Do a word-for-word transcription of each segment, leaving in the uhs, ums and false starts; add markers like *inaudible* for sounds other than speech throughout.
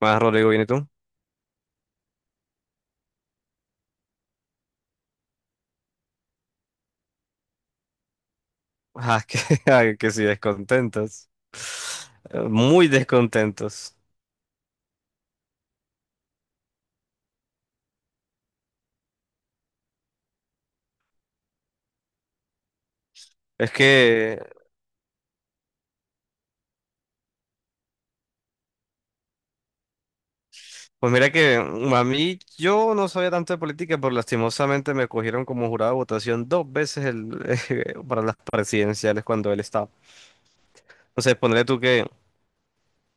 Más Rodrigo, ¿viene tú? Ah, que, *laughs* ay, que sí, descontentos. Eh, Muy descontentos. Es que, pues mira que mm, a mí yo no sabía tanto de política, pero lastimosamente me cogieron como jurado de votación dos veces el, *laughs* para las presidenciales cuando él estaba. Entonces, ponle tú que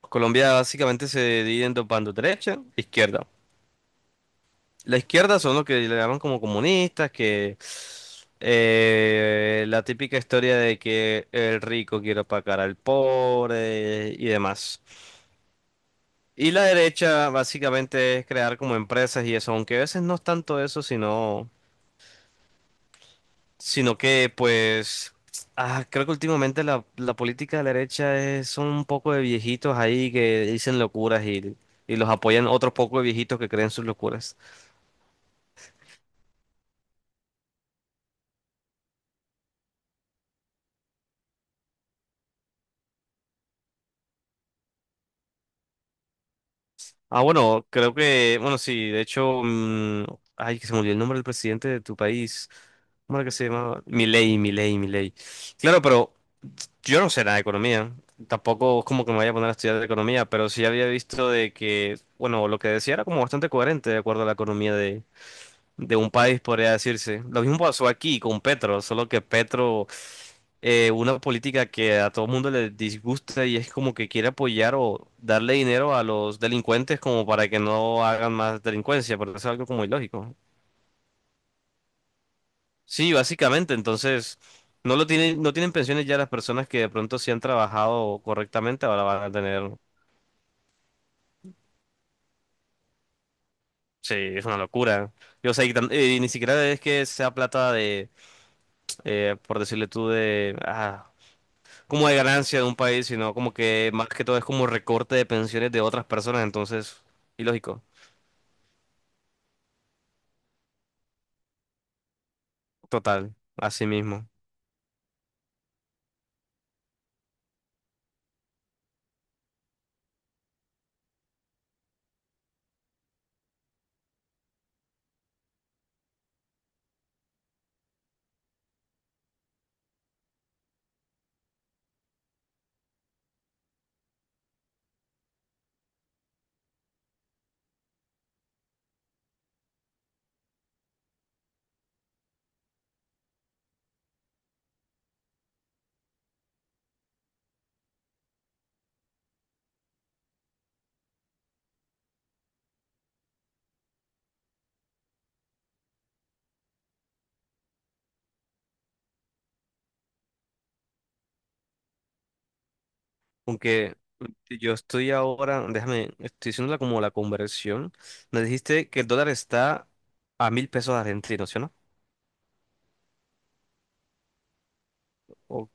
Colombia básicamente se divide en dos bandos, derecha e izquierda. La izquierda son los que le llaman como comunistas, que eh, la típica historia de que el rico quiere opacar al pobre y demás. Y la derecha básicamente es crear como empresas y eso, aunque a veces no es tanto eso, sino, sino que pues ah, creo que últimamente la, la política de la derecha es, son un poco de viejitos ahí que dicen locuras y, y los apoyan otros pocos de viejitos que creen sus locuras. Ah, bueno, creo que, bueno, sí, de hecho, mm, ay, que se me olvidó el nombre del presidente de tu país. ¿Cómo era que se llamaba? Milei, Milei, Milei. Claro, pero yo no sé nada de economía. Tampoco es como que me vaya a poner a estudiar de economía, pero sí había visto de que, bueno, lo que decía era como bastante coherente de acuerdo a la economía de, de un país, podría decirse. Lo mismo pasó aquí con Petro, solo que Petro eh, una política que a todo mundo le disgusta y es como que quiere apoyar o darle dinero a los delincuentes como para que no hagan más delincuencia, porque es algo como ilógico. Sí, básicamente, entonces no lo tienen, no tienen pensiones ya las personas que de pronto sí han trabajado correctamente, ahora van a tener, sí, es una locura. Y, o sea, y, tan- y ni siquiera es que sea plata de, eh, por decirle tú, de, ah, como de ganancia de un país, sino como que más que todo es como recorte de pensiones de otras personas, entonces, ilógico. Total, así mismo. Aunque yo estoy ahora, déjame, estoy haciéndola como la conversión. Me dijiste que el dólar está a mil pesos argentinos, ¿sí o no? O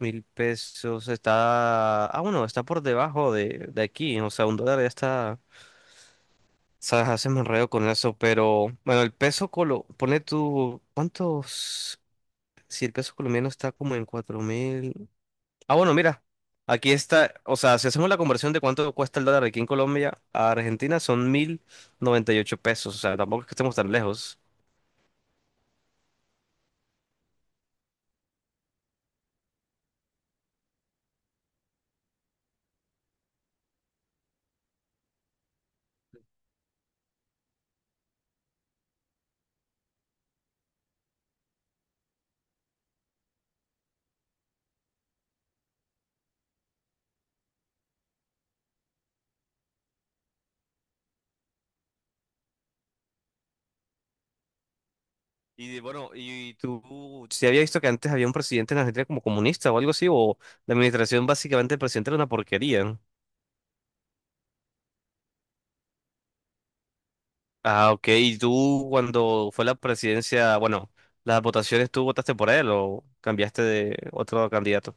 mil pesos está... Ah, bueno, está por debajo de, de aquí. O sea, un dólar ya está... Sabes, haces me enredo con eso, pero... Bueno, el peso colo... Pone tú... ¿Cuántos...? Si el peso colombiano está como en cuatro mil... Ah, bueno, mira, aquí está, o sea, si hacemos la conversión de cuánto cuesta el dólar aquí en Colombia a Argentina, son mil noventa y ocho pesos, o sea, tampoco es que estemos tan lejos. Y de- bueno, y tú, si había visto que antes había un presidente en Argentina como comunista o algo así, o la administración básicamente del presidente era una porquería. Ah, ok, y tú cuando fue la presidencia, bueno, las votaciones, ¿tú votaste por él o cambiaste de otro candidato?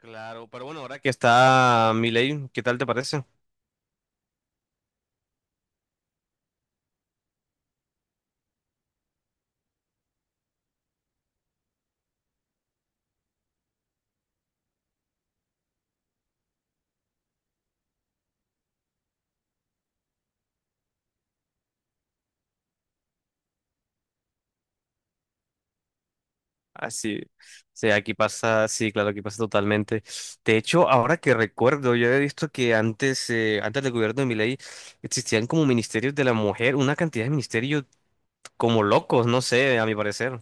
Claro, pero bueno, ahora que está Milei, ¿qué tal te parece? Así sí, sí, aquí pasa, sí, claro, aquí pasa totalmente. De hecho, ahora que recuerdo, yo he visto que antes, eh, antes del gobierno de Milei existían como ministerios de la mujer, una cantidad de ministerios como locos, no sé, a mi parecer.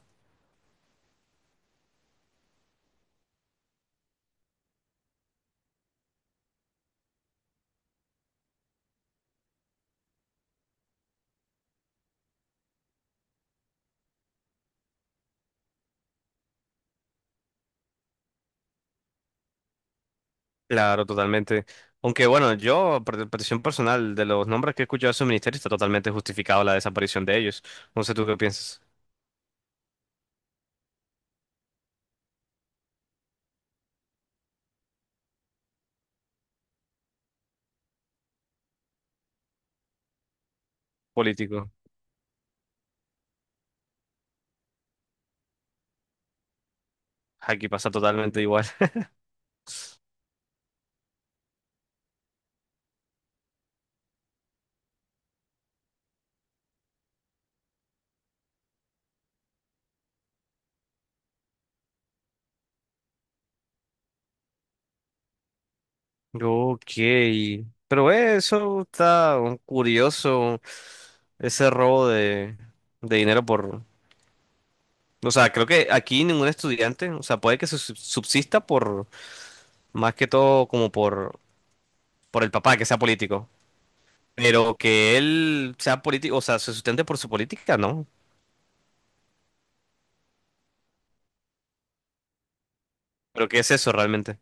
Claro, totalmente. Aunque bueno, yo, por petición personal, de los nombres que he escuchado de esos ministerios, está totalmente justificado la desaparición de ellos. No sé tú qué piensas, político. Aquí pasa totalmente igual. Ok, pero eh, eso está un curioso, ese robo de, de dinero por... O sea, creo que aquí ningún estudiante, o sea, puede que se sub- subsista por, más que todo como por, por el papá que sea político, pero que él sea político, o sea, se sustente por su política, ¿no? Pero ¿qué es eso realmente?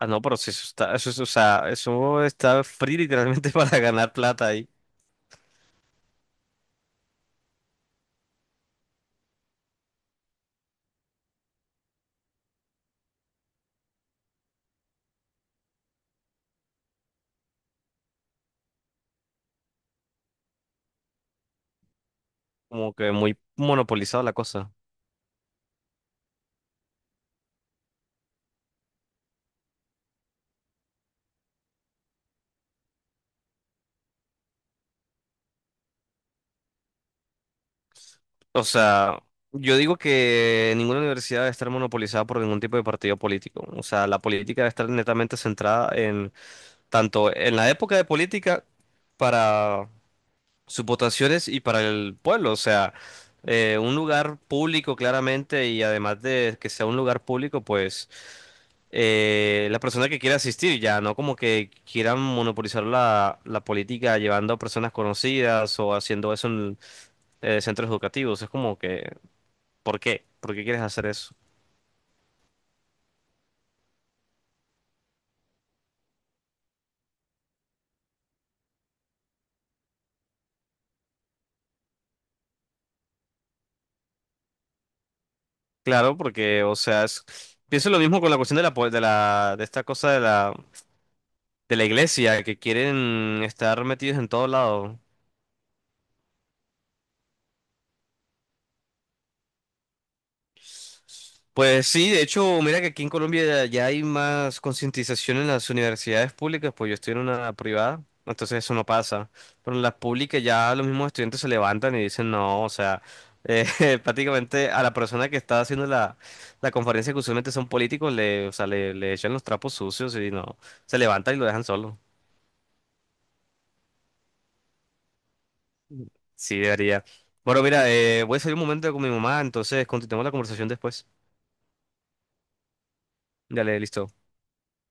Ah, no, pero sí, eso está, eso, es- o sea, eso está free literalmente *laughs* para ganar plata ahí, como que muy monopolizado la cosa. O sea, yo digo que ninguna universidad debe estar monopolizada por ningún tipo de partido político. O sea, la política debe estar netamente centrada en tanto en la época de política para sus votaciones y para el pueblo. O sea, eh, un lugar público claramente y además de que sea un lugar público, pues eh, la persona que quiera asistir ya, no como que quieran monopolizar la, la política llevando a personas conocidas o haciendo eso en eh, centros educativos. Es como que... ¿Por qué? ¿Por qué quieres hacer eso? Claro, porque, o sea, es- pienso lo mismo con la cuestión de la, po- de la, de esta cosa de la, de la, iglesia, que quieren estar metidos en todo lado. Pues sí, de hecho, mira que aquí en Colombia ya hay más concientización en las universidades públicas, pues yo estoy en una privada, entonces eso no pasa. Pero en las públicas ya los mismos estudiantes se levantan y dicen, no, o sea, eh, *laughs* prácticamente a la persona que está haciendo la, la conferencia, que usualmente son políticos, le, o sea, le, le echan los trapos sucios y no, se levantan y lo dejan solo. Sí, debería. Bueno, mira, eh, voy a salir un momento con mi mamá, entonces continuamos la conversación después. Dale, listo.